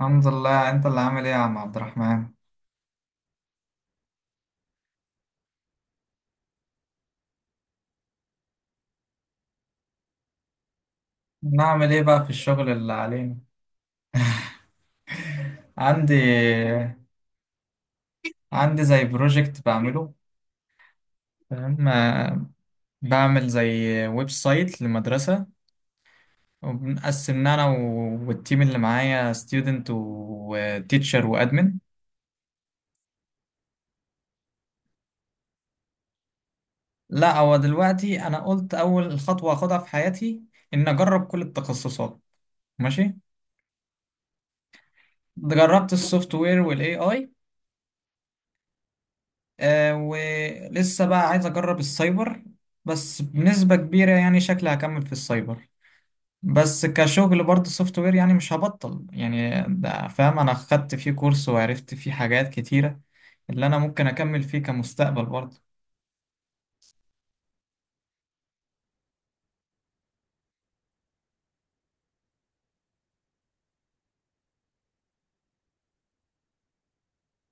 الحمد لله. انت اللي عامل ايه يا عم عبد الرحمن؟ نعمل ايه بقى في الشغل اللي علينا. عندي عندي زي بروجكت بعمله. فاهم؟ آه، بعمل زي ويب سايت لمدرسة. وبنقسمنا انا والتيم اللي معايا ستودنت وتيتشر وادمن. لا، هو دلوقتي انا قلت اول خطوة اخدها في حياتي ان اجرب كل التخصصات. ماشي. جربت السوفت وير والاي اي. آه، ولسه بقى عايز أجرب السايبر. بس بنسبة كبيرة يعني شكلي هكمل في السايبر. بس كشغل برضه سوفت وير، يعني مش هبطل يعني، ده فاهم؟ أنا خدت فيه كورس وعرفت فيه حاجات كتيرة اللي أنا ممكن أكمل فيه كمستقبل برضه.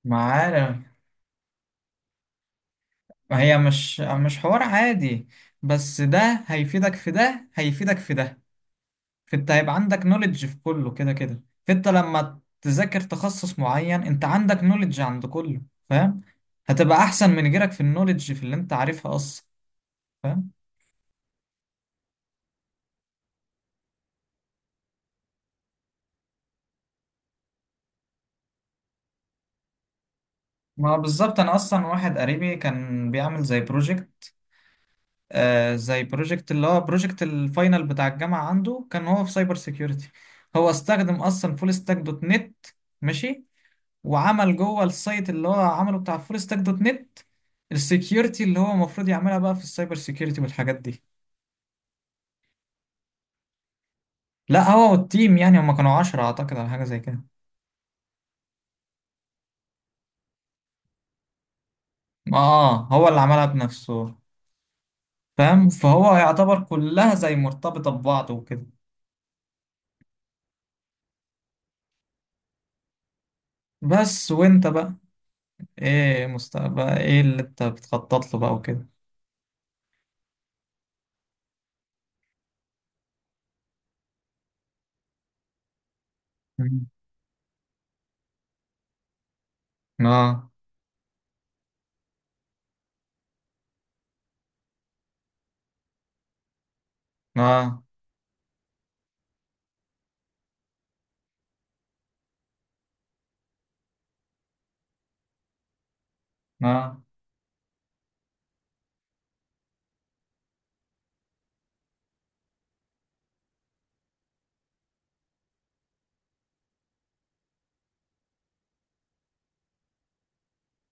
ما عارف. هي مش حوار عادي. بس ده هيفيدك في ده، هيفيدك في ده. فانت هيبقى عندك نوليدج في كله كده كده. فانت لما تذاكر تخصص معين انت عندك نوليدج عند كله. فاهم؟ هتبقى احسن من غيرك في النوليدج، في اللي انت عارفها اصلا. فاهم؟ ما بالظبط. انا اصلا واحد قريبي كان بيعمل زي بروجكت. آه، زي بروجكت اللي هو بروجكت الفاينل بتاع الجامعة. عنده كان هو في سايبر سيكيورتي. هو استخدم اصلا فول ستاك دوت نت. ماشي. وعمل جوه السايت اللي هو عمله بتاع فول ستاك دوت نت السكيورتي اللي هو المفروض يعملها بقى في السايبر سيكيورتي والحاجات دي. لا، هو والتيم، يعني هم كانوا 10 أعتقد، على حاجة زي كده. اه، هو اللي عملها بنفسه. فاهم؟ فهو يعتبر كلها زي مرتبطة ببعض وكده. بس وانت بقى، ايه مستقبل ايه اللي انت بتخطط له بقى وكده؟ مم. اه. اه. اه.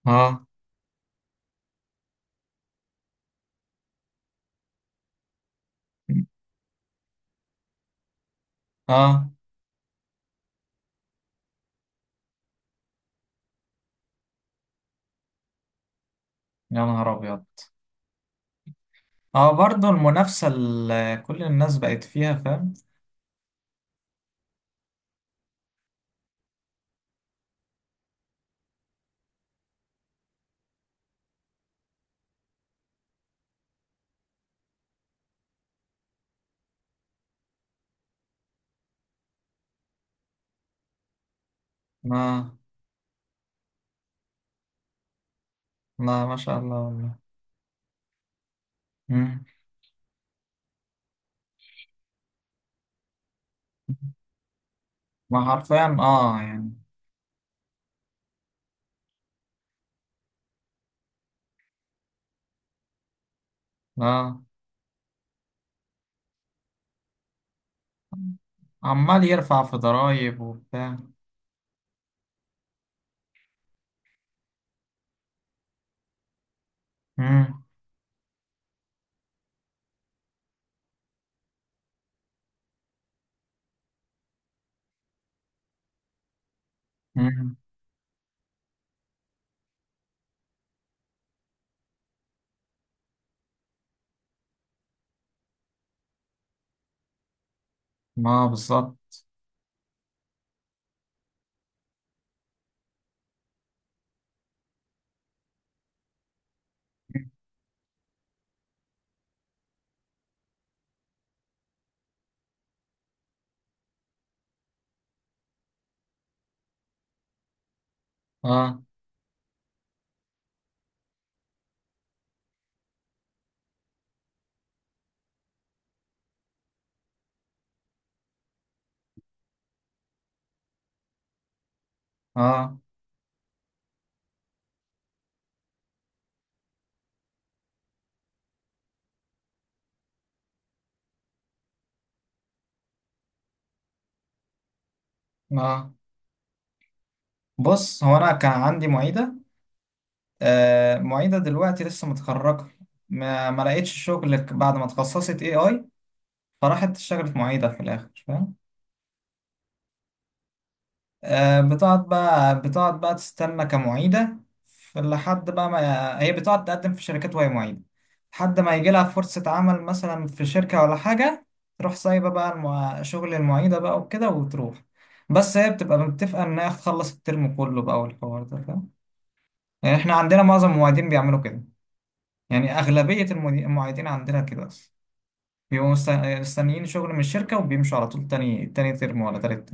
اه. اه. آه. يا نهار ابيض. اه، برضه المنافسة اللي كل الناس بقت فيها. فاهم؟ ما ما شاء الله والله. مم. ما حرفيا اه يعني. اه. عمال يرفع في ضرايب وبتاع. مم. مم. ما بالظبط. اه. اه. اه. بص، هو انا كان عندي معيدة. آه، معيدة دلوقتي لسه متخرجة. ما لقيتش شغل بعد ما اتخصصت اي اي. فراحت اشتغلت معيدة في الاخر. فاهم؟ آه، بتقعد بقى بتقعد بقى تستنى كمعيدة. لحد بقى ما هي بتقعد تقدم في شركات وهي معيدة لحد ما يجي لها فرصة عمل مثلا في شركة ولا حاجة، تروح سايبة بقى شغل المعيدة بقى وكده وتروح. بس هي بتبقى متفقة إنها تخلص الترم كله بقى، والحوار ده. فاهم؟ يعني إحنا عندنا معظم المعيدين بيعملوا كده. يعني أغلبية المعيدين عندنا كده أصلا. بيبقوا مستنيين شغل من الشركة وبيمشوا على طول. تاني ترم ولا تالت.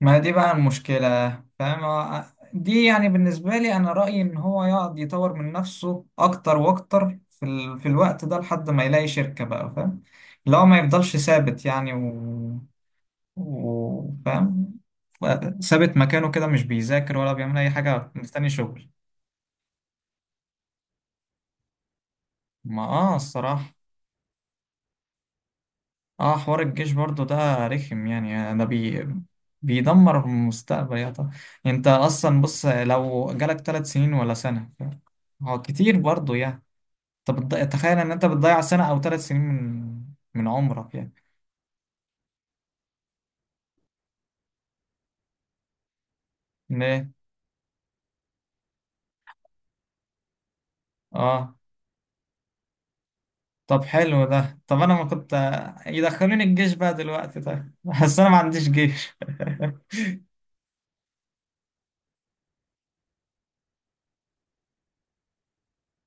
ما دي بقى المشكلة. فاهم؟ آه، دي يعني بالنسبة لي أنا رأيي إن هو يقعد يطور من نفسه أكتر وأكتر في الوقت ده لحد ما يلاقي شركة بقى. فاهم؟ لو ما يفضلش ثابت يعني، فاهم؟ ف- ثابت مكانه كده مش بيذاكر ولا بيعمل أي حاجة، مستني شغل. ما آه الصراحة. اه، حوار الجيش برضو ده رخم يعني، ده بيدمر المستقبل يا طب. انت اصلا بص، لو جالك 3 سنين ولا سنة، هو كتير برضو يعني. طب تخيل ان انت بتضيع سنة او 3 سنين من عمرك يعني. ليه. اه. طب حلو ده. طب انا ما كنت. يدخلوني الجيش بقى دلوقتي طيب بس انا ما عنديش جيش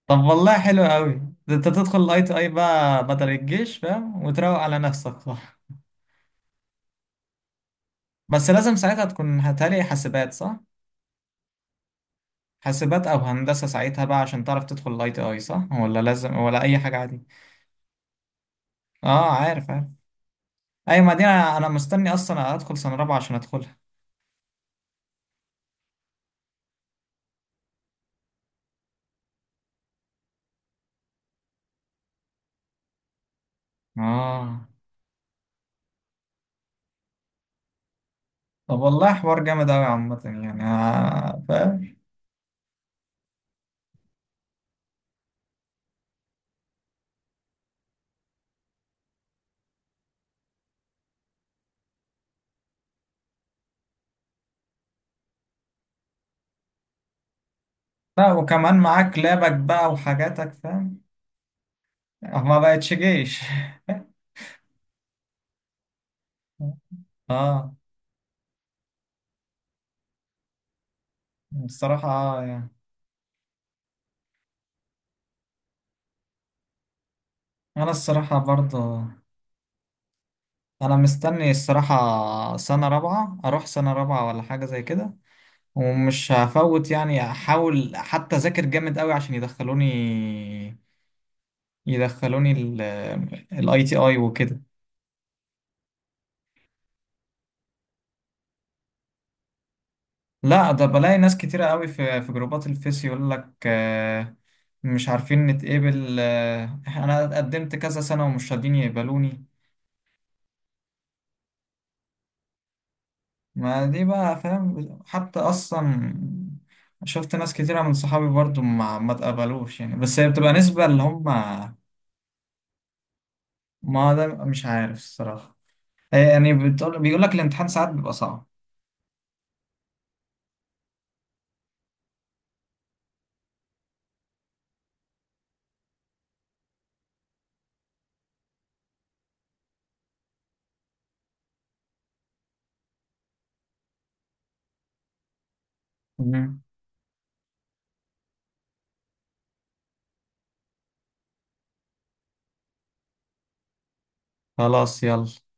طب والله حلو قوي ده، انت تدخل الاي تي اي بقى بدل الجيش. فاهم؟ وتروق على نفسك بس لازم ساعتها تكون هتالي حاسبات، صح؟ حاسبات أو هندسة ساعتها بقى عشان تعرف تدخل الاي تي اي، صح؟ ولا لازم ولا أي حاجة عادي؟ اه، عارف عارف. أيوة، ما دي أنا مستني أصلا أدخل سنة رابعة عشان أدخلها. اه، طب والله حوار جامد أوي عامة يعني، آه، فاهم؟ لا، وكمان معاك لابك بقى وحاجاتك، فاهم؟ ما بقتش جيش اه، بصراحة اه يعني. انا الصراحة برضه. انا مستني الصراحة سنة رابعة اروح سنة رابعة ولا حاجة زي كده. ومش هفوت يعني، احاول حتى اذاكر جامد قوي عشان يدخلوني الاي تي اي وكده. لا، ده بلاقي ناس كتيرة قوي في جروبات الفيس يقول لك آه،، مش عارفين نتقبل، آه، انا قدمت كذا سنة ومش راضين يقبلوني. ما دي بقى. فاهم؟ حتى اصلا شفت ناس كتيرة من صحابي برضو ما اتقبلوش يعني، بس هي بتبقى نسبة اللي هم. ما ده مش عارف الصراحة. آه، يعني بيقول لك الامتحان ساعات بيبقى صعب. مم. خلاص، يلا.